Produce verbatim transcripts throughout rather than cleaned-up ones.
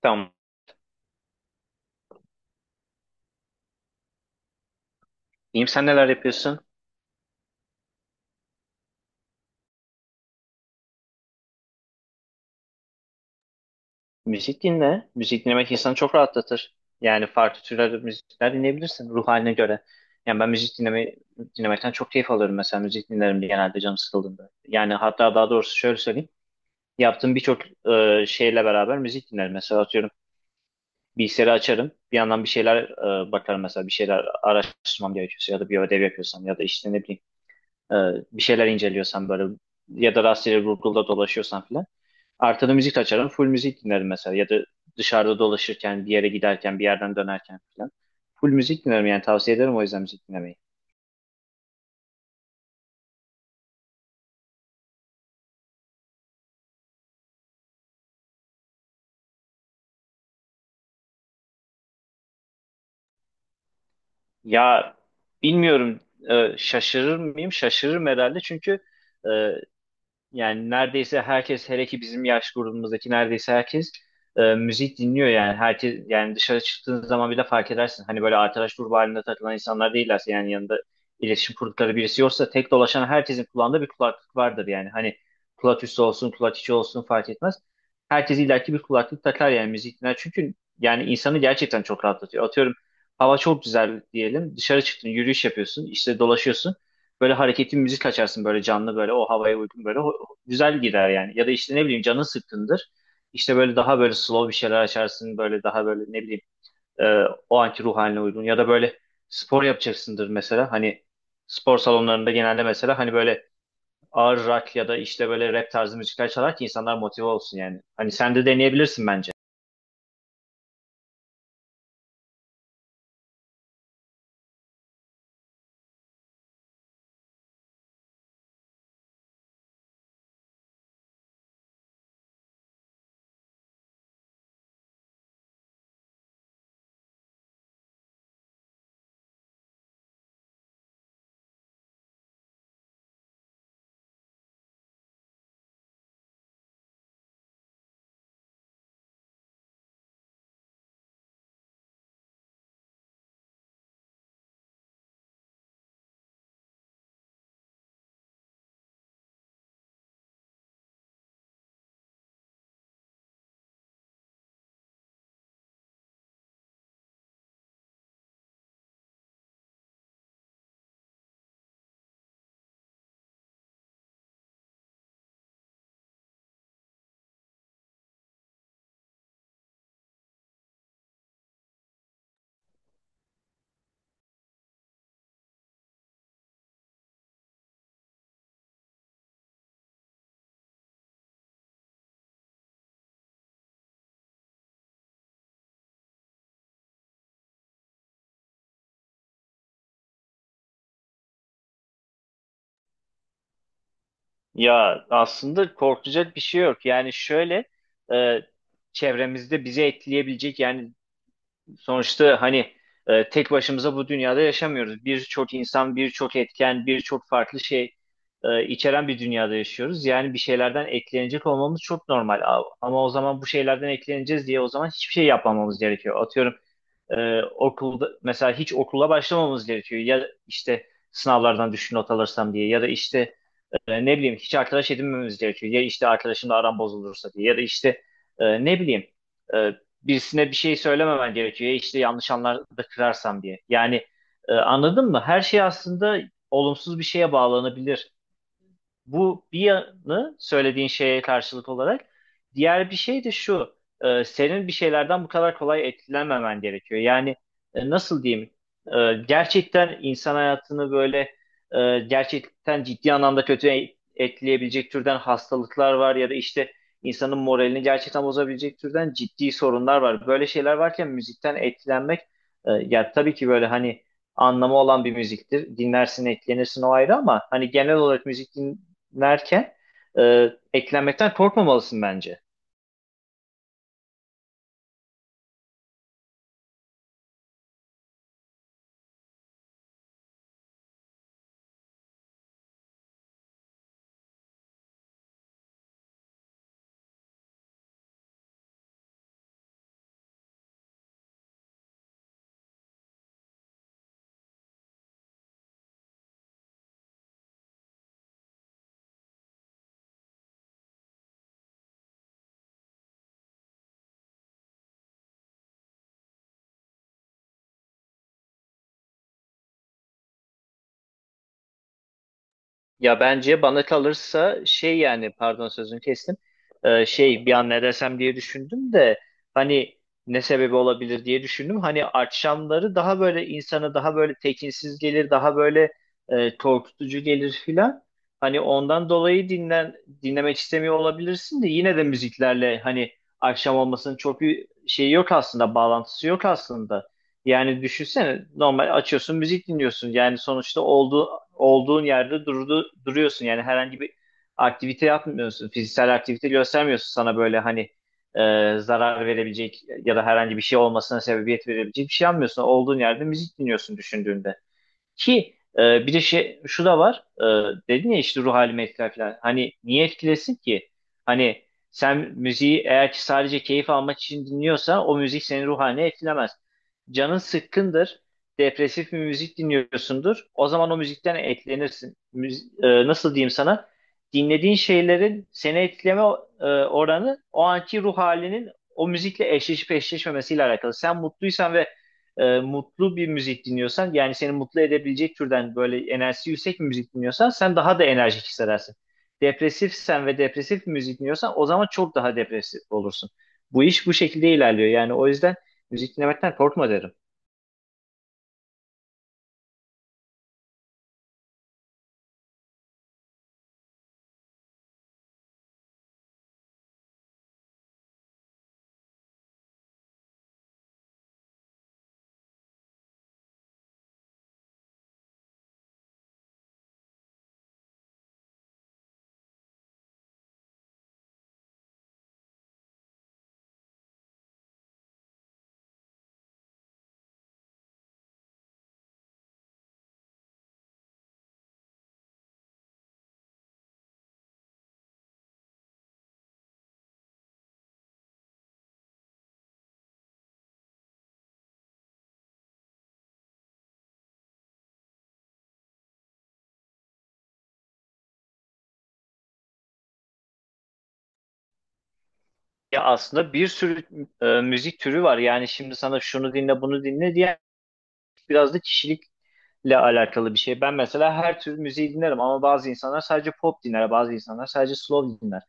Tamam. İyiyim, sen neler yapıyorsun? Müzik dinle. Müzik dinlemek insanı çok rahatlatır. Yani farklı türler müzikler dinleyebilirsin ruh haline göre. Yani ben müzik dinlemeyi, dinlemekten çok keyif alıyorum mesela. Müzik dinlerim genelde canım sıkıldığında. Yani hatta daha doğrusu şöyle söyleyeyim. Yaptığım birçok e, şeyle beraber müzik dinlerim. Mesela atıyorum bilgisayarı açarım. Bir yandan bir şeyler e, bakarım mesela. Bir şeyler araştırmam gerekiyorsa ya da bir ödev yapıyorsam ya da işte ne bileyim, e, bir şeyler inceliyorsam böyle ya da rastgele Google'da dolaşıyorsam filan. Arkada müzik açarım. Full müzik dinlerim mesela. Ya da dışarıda dolaşırken, bir yere giderken, bir yerden dönerken falan. Full müzik dinlerim yani tavsiye ederim o yüzden müzik dinlemeyi. Ya bilmiyorum, e, şaşırır mıyım? Şaşırırım herhalde çünkü e, yani neredeyse herkes, hele ki bizim yaş grubumuzdaki neredeyse herkes e, müzik dinliyor, yani herkes. Yani dışarı çıktığın zaman bile fark edersin. Hani böyle arkadaş grubu halinde takılan insanlar değillerse, yani yanında iletişim kurdukları birisi yoksa, tek dolaşan herkesin kulağında bir kulaklık vardır yani. Hani kulak üstü olsun, kulak içi olsun fark etmez. Herkes illaki bir kulaklık takar yani, müzik dinler. Çünkü yani insanı gerçekten çok rahatlatıyor. Atıyorum, hava çok güzel diyelim, dışarı çıktın, yürüyüş yapıyorsun, işte dolaşıyorsun. Böyle hareketli müzik açarsın, böyle canlı, böyle o havaya uygun, böyle güzel gider yani. Ya da işte ne bileyim, canın sıkkındır. İşte böyle daha böyle slow bir şeyler açarsın. Böyle daha böyle, ne bileyim, e, o anki ruh haline uygun. Ya da böyle spor yapacaksındır mesela. Hani spor salonlarında genelde mesela hani böyle ağır rock ya da işte böyle rap tarzı müzikler çalar ki insanlar motive olsun yani. Hani sen de deneyebilirsin bence. Ya aslında korkacak bir şey yok. Yani şöyle, e, çevremizde bizi etkileyebilecek yani, sonuçta hani e, tek başımıza bu dünyada yaşamıyoruz. Birçok insan, birçok etken, birçok farklı şey e, içeren bir dünyada yaşıyoruz. Yani bir şeylerden etkilenecek olmamız çok normal. A- Ama o zaman, bu şeylerden etkileneceğiz diye o zaman hiçbir şey yapmamamız gerekiyor. Atıyorum, e, okulda mesela hiç okula başlamamamız gerekiyor. Ya işte sınavlardan düşük not alırsam diye, ya da işte e, ne bileyim, hiç arkadaş edinmemiz gerekiyor. Ya işte arkadaşımla aram bozulursa diye, ya da işte e, ne bileyim, e, birisine bir şey söylememen gerekiyor. Ya işte yanlış anlarda kırarsam diye. Yani e, anladın mı? Her şey aslında olumsuz bir şeye bağlanabilir. Bu bir yanı söylediğin şeye karşılık olarak. Diğer bir şey de şu. E, senin bir şeylerden bu kadar kolay etkilenmemen gerekiyor. Yani e, nasıl diyeyim? E, gerçekten insan hayatını böyle e, gerçekten ciddi anlamda kötü e- etkileyebilecek türden hastalıklar var ya da işte insanın moralini gerçekten bozabilecek türden ciddi sorunlar var. Böyle şeyler varken müzikten etkilenmek, e, ya tabii ki böyle hani anlamı olan bir müziktir. Dinlersin, etkilenirsin, o ayrı, ama hani genel olarak müzik din- derken e, eklenmekten korkmamalısın bence. Ya bence, bana kalırsa şey, yani pardon sözünü kestim. E, şey, bir an ne desem diye düşündüm de hani ne sebebi olabilir diye düşündüm. Hani akşamları daha böyle insana daha böyle tekinsiz gelir, daha böyle e, korkutucu gelir filan. Hani ondan dolayı dinlen dinlemek istemiyor olabilirsin, de yine de müziklerle hani akşam olmasının çok bir şeyi yok aslında, bağlantısı yok aslında. Yani düşünsene, normal açıyorsun, müzik dinliyorsun. Yani sonuçta olduğu, olduğun yerde durdu, duruyorsun. Yani herhangi bir aktivite yapmıyorsun. Fiziksel aktivite göstermiyorsun, sana böyle hani e, zarar verebilecek ya da herhangi bir şey olmasına sebebiyet verebilecek bir şey yapmıyorsun. Olduğun yerde müzik dinliyorsun düşündüğünde. Ki e, bir de şey, şu da var. E, dedin ya işte ruh halimi etkiler falan. Hani niye etkilesin ki? Hani sen müziği eğer ki sadece keyif almak için dinliyorsan, o müzik senin ruh halini etkilemez. Canın sıkkındır. Depresif bir müzik dinliyorsundur. O zaman o müzikten etkilenirsin. Müzi- e, nasıl diyeyim sana? Dinlediğin şeylerin seni etkileme e, oranı, o anki ruh halinin o müzikle eşleşip eşleşmemesiyle alakalı. Sen mutluysan ve e, mutlu bir müzik dinliyorsan, yani seni mutlu edebilecek türden böyle enerjisi yüksek bir müzik dinliyorsan, sen daha da enerjik hissedersin. Depresifsen ve depresif bir müzik dinliyorsan, o zaman çok daha depresif olursun. Bu iş bu şekilde ilerliyor. Yani o yüzden müzik dinlemekten korkma derim. Ya aslında bir sürü e, müzik türü var. Yani şimdi sana şunu dinle, bunu dinle diye, biraz da kişilikle alakalı bir şey. Ben mesela her tür müziği dinlerim, ama bazı insanlar sadece pop dinler, bazı insanlar sadece slow dinler.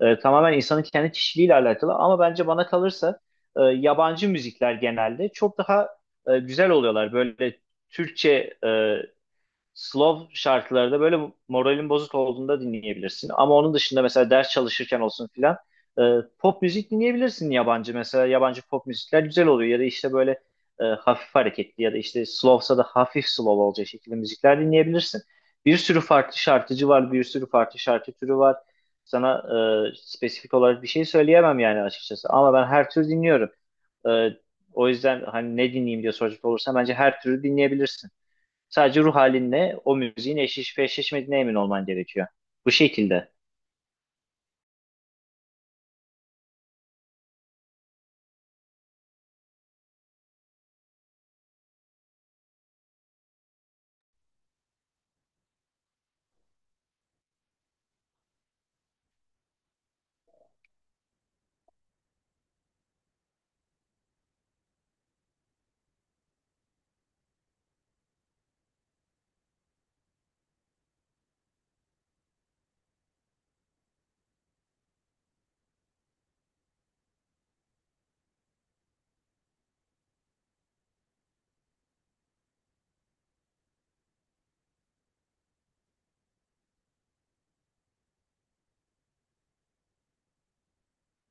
Ee, tamamen insanın kendi kişiliğiyle alakalı, ama bence bana kalırsa e, yabancı müzikler genelde çok daha e, güzel oluyorlar. Böyle Türkçe e, slow şarkılarda böyle moralin bozuk olduğunda dinleyebilirsin. Ama onun dışında mesela ders çalışırken olsun filan, e, pop müzik dinleyebilirsin yabancı. Mesela yabancı pop müzikler güzel oluyor, ya da işte böyle e, hafif hareketli, ya da işte slowsa da hafif slow olacak şekilde müzikler dinleyebilirsin. Bir sürü farklı şarkıcı var, bir sürü farklı şarkı türü var. Sana e, spesifik olarak bir şey söyleyemem yani, açıkçası. Ama ben her tür dinliyorum. E, O yüzden hani ne dinleyeyim diye soracak olursa, bence her türü dinleyebilirsin. Sadece ruh halinle o müziğin eşleşip eşleşmediğine emin olman gerekiyor. Bu şekilde.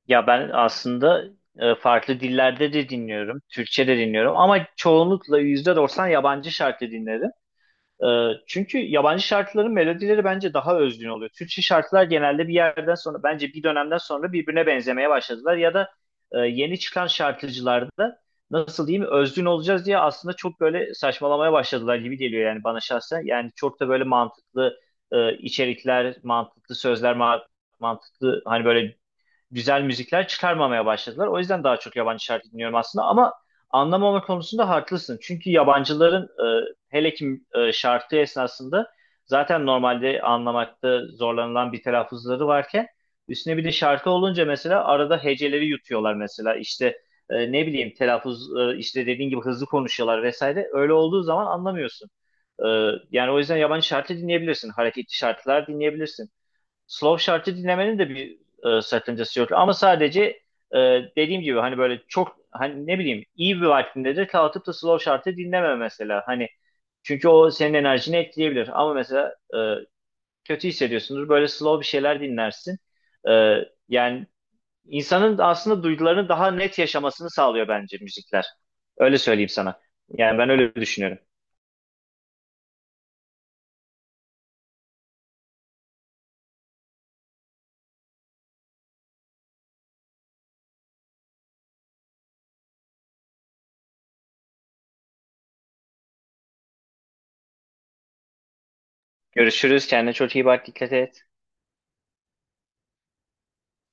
Ya ben aslında e, farklı dillerde de dinliyorum. Türkçe de dinliyorum. Ama çoğunlukla yüzde doksan yabancı şarkı dinlerim. Ee, çünkü yabancı şarkıların melodileri bence daha özgün oluyor. Türkçe şarkılar genelde bir yerden sonra, bence bir dönemden sonra birbirine benzemeye başladılar, ya da e, yeni çıkan şarkıcılarda, nasıl diyeyim, özgün olacağız diye aslında çok böyle saçmalamaya başladılar gibi geliyor yani bana şahsen. Yani çok da böyle mantıklı e, içerikler, mantıklı sözler, ma- mantıklı, hani böyle güzel müzikler çıkarmamaya başladılar. O yüzden daha çok yabancı şarkı dinliyorum aslında, ama anlamama konusunda haklısın. Çünkü yabancıların e, hele ki e, şarkı esnasında, zaten normalde anlamakta zorlanılan bir telaffuzları varken, üstüne bir de şarkı olunca mesela arada heceleri yutuyorlar mesela, işte e, ne bileyim, telaffuz e, işte dediğin gibi hızlı konuşuyorlar vesaire. Öyle olduğu zaman anlamıyorsun. E, Yani o yüzden yabancı şarkı dinleyebilirsin. Hareketli şarkılar dinleyebilirsin. Slow şarkı dinlemenin de bir e, sakıncası yok. Ama sadece, e, dediğim gibi hani, böyle çok hani ne bileyim, iyi bir vaktinde de kalkıp da slow şarkı dinleme mesela. Hani çünkü o senin enerjini etkileyebilir. Ama mesela e, kötü hissediyorsundur. Böyle slow bir şeyler dinlersin. E, Yani insanın aslında duygularını daha net yaşamasını sağlıyor bence müzikler. Öyle söyleyeyim sana. Yani ben öyle düşünüyorum. Görüşürüz. Kendine çok iyi bak. Dikkat et.